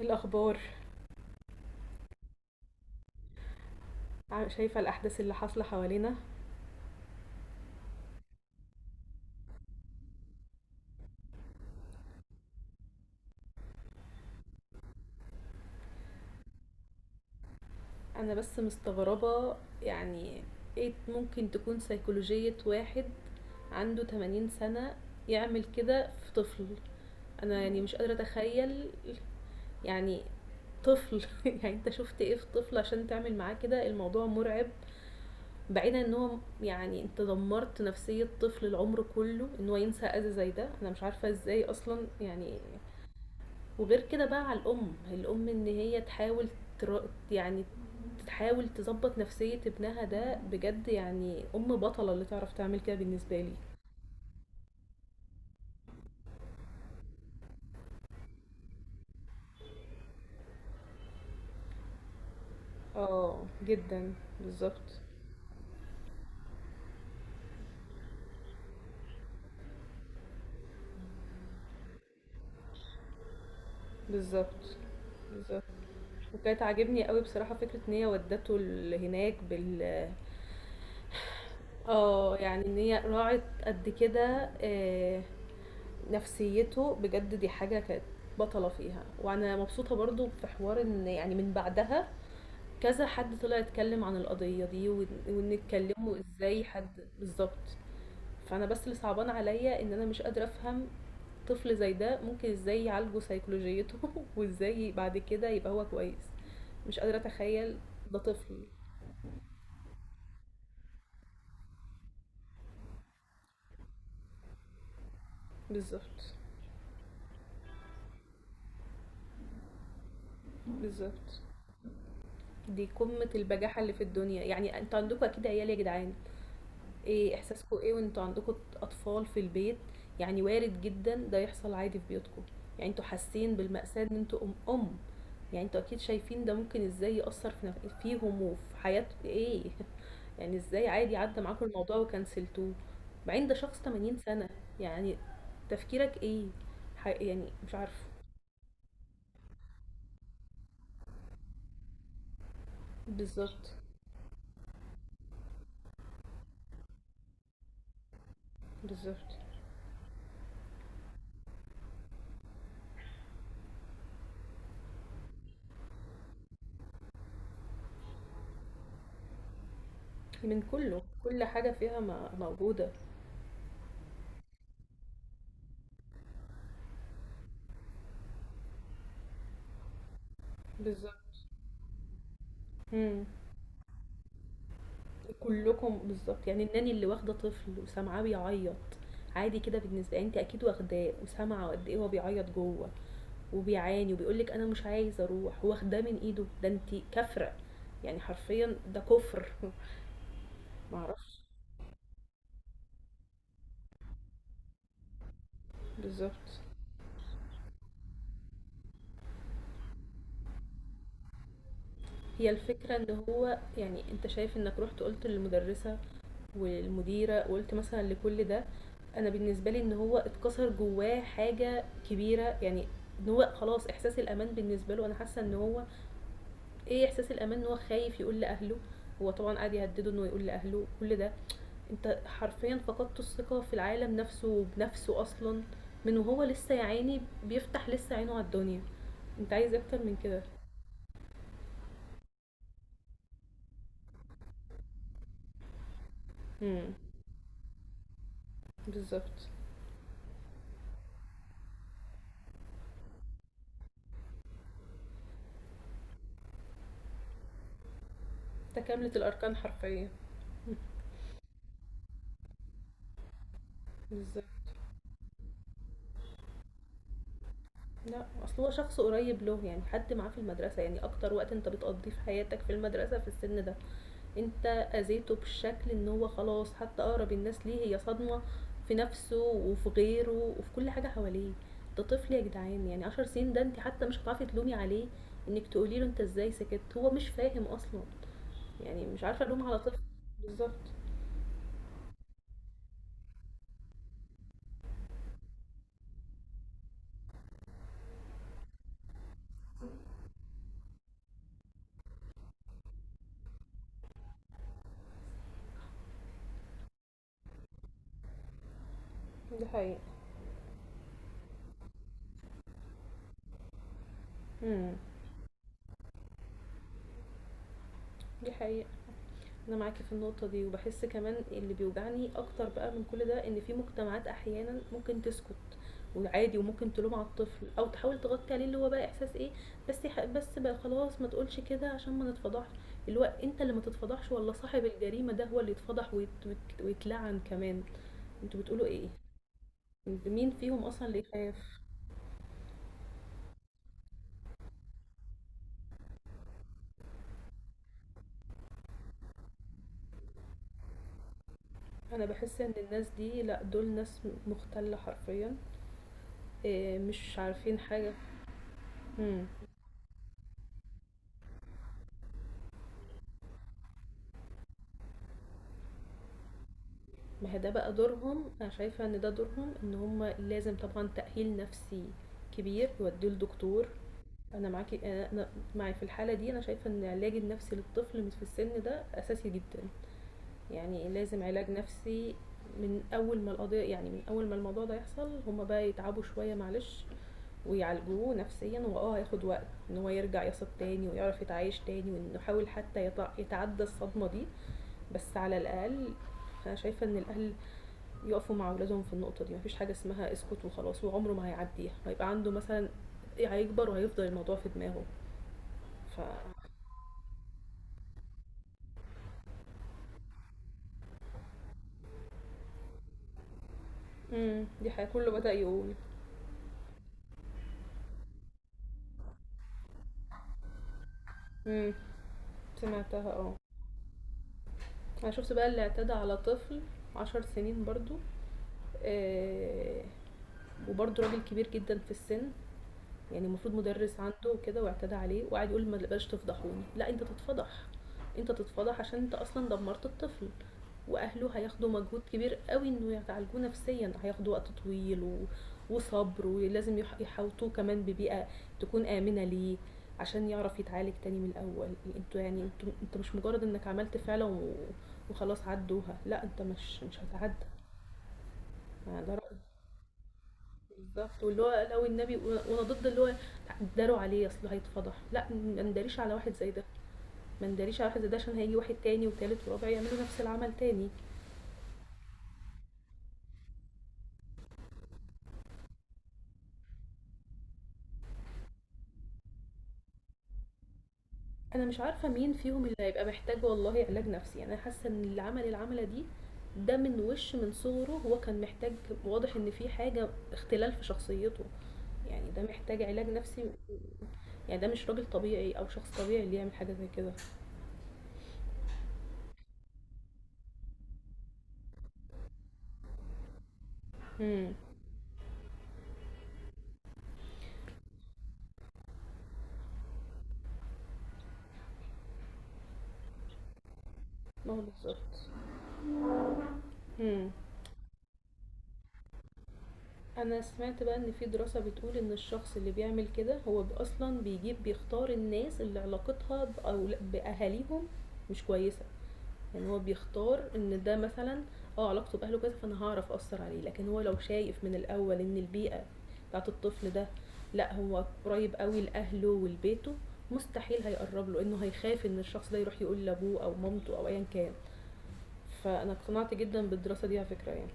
الأخبار. شايفة الأحداث اللي حاصلة حوالينا. أنا بس مستغربة، يعني ايه ممكن تكون سيكولوجية واحد عنده 80 سنة يعمل كده في طفل؟ أنا يعني مش قادرة أتخيل، يعني طفل؟ يعني انت شفت ايه في طفل عشان تعمل معاه كده؟ الموضوع مرعب. بعيدا ان هو يعني انت دمرت نفسية طفل، العمر كله ان هو ينسى اذى زي ده، انا مش عارفة ازاي اصلا يعني. وغير كده بقى على الأم، الأم إن هي تحاول، يعني تحاول تظبط نفسية ابنها ده بجد، يعني أم بطلة اللي تعرف تعمل كده بالنسبة لي. اه جدا. بالظبط. بالظبط. بالظبط. وكانت عاجبني قوي بصراحة فكرة ان هي ودته هناك بال، اه، يعني ان هي راعت قد كده، آه، نفسيته بجد، دي حاجة كانت بطلة فيها. وانا مبسوطة برضو في حوار ان يعني من بعدها كذا حد طلع اتكلم عن القضية دي، وإن اتكلموا ازاي حد بالظبط. فأنا بس اللي صعبان عليا إن أنا مش قادرة أفهم طفل زي ده ممكن ازاي يعالجوا سيكولوجيته، وازاي بعد كده يبقى هو كويس؟ مش قادرة أتخيل، ده طفل. بالظبط. بالظبط. دي قمة البجاحة اللي في الدنيا. يعني انتوا عندكم أكيد عيال يا جدعان، إيه إحساسكم إيه وأنتوا عندكم أطفال في البيت؟ يعني وارد جدًا ده يحصل عادي في بيوتكم، يعني أنتوا حاسين بالمأساة إن أنتوا أم، يعني أنتوا أكيد شايفين ده ممكن إزاي يأثّر في فيهم وفي حياة إيه، يعني إزاي عادي عدّى معاكم الموضوع وكنسلتوه؟ بعدين ده شخص 80 سنة، يعني تفكيرك إيه؟ يعني مش عارفة، بالضبط، بالضبط، من كلّه، كل حاجة فيها موجودة، بالضبط. إمم. كلكم بالضبط، يعني الناني اللي واخدة طفل وسامعاه بيعيط عادي كده؟ بالنسبة أنتِ أكيد واخداه وسامعة قد إيه هو بيعيط جوه، وبيعاني وبيقول لِك أنا مش عايز أروح، واخداه من إيده، ده أنتِ كافرة، يعني حرفيًا ده كفر. ما أعرفش. بالضبط. هي الفكرة إن هو يعني أنت شايف إنك رُحت قُلت للمدرسة والمديرة وقُلت مثلًا لكل ده، أنا بالنسبة لي إن هو اتكسر جواه حاجة كبيرة، يعني إن هو خلاص إحساس الأمان بالنسبة له، أنا حاسة إن هو إيه، إحساس الأمان إن هو خايف يقول لأهله، هو طبعًا قعد يهدده إنه يقول لأهله كل ده، أنت حرفيًا فقدت الثقة في العالم نفسه وبنفسه أصلًا، من وهو لسه يا عيني بيفتح لسه عينه على الدنيا، أنت عايز إيه أكتر من كده؟ إمم. بالضبط. تكاملة الأركان حرفيًا. بالضبط. لأ أصل هو شخص قريب له، يعني حد معاه في المدرسة، يعني أكتر وقت أنت بتقضيه في حياتك في المدرسة في السن ده. أنت أذيته بالشكل إن هو خلاص حتى أقرب الناس ليه هي صدمة في نفسه وفي غيره وفي كل حاجة حواليه. ده طفل يا جدعان، يعني 10 سنين، ده انت حتى مش هتعرفي تلومي عليه انك تقولي له انت ازاي سكت، هو مش فاهم اصلا. يعني مش عارفة الوم على طفل. بالظبط. دي حقيقة. امم. دي حقيقة. أنا معاكِ في النقطة دي، وباحس كمان اللي بيوجعني أكتر بقى من كل ده إن في مجتمعات أحيانًا ممكن تسكت وعادي، وممكن تلوم على الطفل أو تحاول تغطي عليه، اللي هو بقى إحساس إيه، بس بقى خلاص ما تقولش كده عشان ما نتفضحش، اللي هو أنت اللي ما تتفضحش والّا صاحب الجريمة ده هو اللي يتفضح ويتلعن كمان، أنتم بتقولوا إيه؟ أنتم مين فيهم أصلًا اللي يخاف؟ أنا باحس إن الناس دي لأ، دول ناس مُختلة حرفيًا، مش عارفين حاجة. إمم. ما هي ده بقى دورهم، انا شايفه ان ده دورهم، ان هم لازم طبعا تاهيل نفسي كبير يوديه لدكتور. انا معاكي، انا معي في الحاله دي، انا شايفه ان العلاج النفسي للطفل في السن ده اساسي جدا، يعني لازم علاج نفسي من اول ما القضيه، يعني من اول ما الموضوع ده يحصل هما بقى يتعبوا شويه معلش ويعالجوه نفسيا، واه هياخد وقت ان هو يرجع يثق تاني ويعرف يتعايش تاني وانه يحاول حتى يتعدى الصدمه دي، بس على الاقل انا شايفه ان الاهل يقفوا مع اولادهم في النقطه دي. مفيش حاجه اسمها اسكت وخلاص وعمره ما هيعديها، هيبقى عنده مثلا إيه، هيكبر وهيفضل الموضوع في دماغه. ف دي حاجه كله بدا يقول. امم. سمعتها اه. انا شفت بقى اللي اعتدى على طفل 10 سنين برضو، آه، وبرضو راجل كبير جدا في السن، يعني المفروض مدرس عنده كده واعتدى عليه وقعد يقول ما بلاش تفضحوني. لا انت تتفضح، انت تتفضح عشان انت اصلا دمرت الطفل. واهله هياخدوا مجهود كبير قوي انه يعالجوه نفسيا، هياخدوا وقت طويل و... وصبر، ولازم يحوطوه كمان ببيئة تكون آمنة ليه عشان يعرف يتعالج تاني من الأول. انتوا يعني انتوا انت مش مجرد انك عملت فعلة و... وخلاص عدوها، لا انت مش هتعدى. ده رأيي. بالضبط، واللي هو لو النبي وأنا ضد اللي هو اتداروا عليه أصله هيتفضح، لأ ما نداريش على واحد زي ده، ما نداريش على واحد زي ده عشان هييجي واحد تاني وتالت ورابع يعملوا نفس العمل تاني. أنا مش عارفة مين فيهم اللي هيبقى محتاج والله علاج نفسي، يعني أنا حاسة إن اللي عمل العملة دي ده من وش من صغره هو كان محتاج. واضح إن في حاجة اختلال في شخصيته، يعني ده محتاج علاج نفسي، يعني ده مش راجل طبيعي أو شخص طبيعي اللي يعمل حاجة زي كده. إمم. ما هو بالضبط. إمم. انا سمعت بقى ان في دراسة بتقول ان الشخص اللي بيعمل كده هو اصلا بيجيب بيختار الناس اللي علاقتها بأول... باهاليهم مش كويسة، يعني هو بيختار ان ده مثلا اه علاقته باهله كويسة فانا هعرف اثر عليه، لكن هو لو شايف من الاول ان البيئة بتاعت الطفل ده لا هو قريب قوي لاهله ولبيته، مستحيل هيقرب له، انه هيخاف ان الشخص ده يروح يقول لابوه او مامته او ايا كان. فانا اقتنعت جدا بالدراسة دي على فكرة يعني.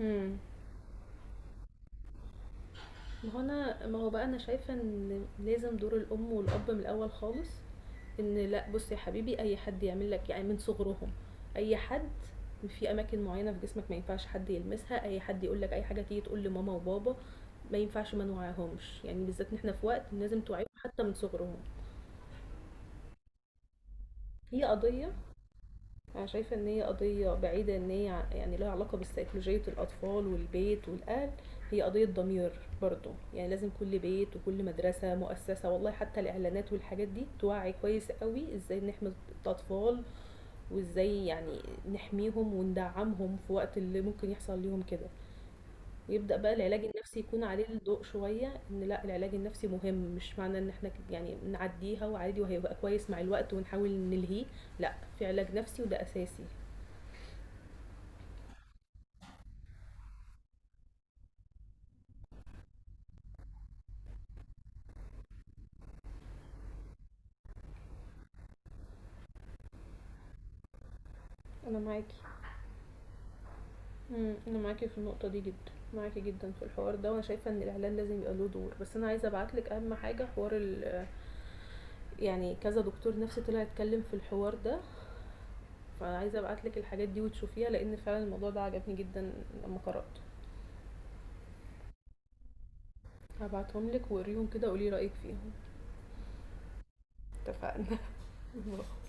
مم. ما هو بقى انا شايفة ان لازم دور الام والاب من الاول خالص، ان لا بص يا حبيبي اي حد يعمل لك يعني من صغرهم، اي حد في اماكن معينة في جسمك ما ينفعش حد يلمسها، اي حد يقول لك اي حاجة تيجي تقول لماما وبابا. ما ينفعش ما نوعيهمش، يعني بالذات ان احنا في وقت لازم توعيهم حتى من صغرهم. هي قضية، أنا شايفة إن هي قضية بعيدة إن هي يعني لها علاقة بسيكولوجية الأطفال والبيت والأهل، هي قضية ضمير برضو، يعني لازم كل بيت وكل مدرسة مؤسسة والله حتى الإعلانات والحاجات دي توعي كويس قوي إزاي نحمي الأطفال، وإزاي يعني نحميهم وندعمهم في وقت اللي ممكن يحصل ليهم كده، ويبدأ بقى العلاج النفسي يكون عليه الضوء شوية. إن لأ، العلاج النفسي مهم، مش معنى إن إحنا يعني نعديها وعادي وهيبقى كويس مع الوقت ونحاول نلهيه، لأ، في علاج نفسي وده أساسي. انا معاكي. مم، انا معاكي في النقطه دي جدا، معاكي جدا في الحوار ده، وانا شايفه ان الاعلان لازم يبقى له دور. بس انا عايزه ابعتلك اهم حاجه، حوار ال، يعني كذا دكتور نفسي طلع يتكلم في الحوار ده، فعايزه ابعتلك الحاجات دي وتشوفيها لان فعلا الموضوع ده عجبني جدا لما قراته. هبعتهم لك وقريهم كده وقولي رايك فيهم. اتفقنا.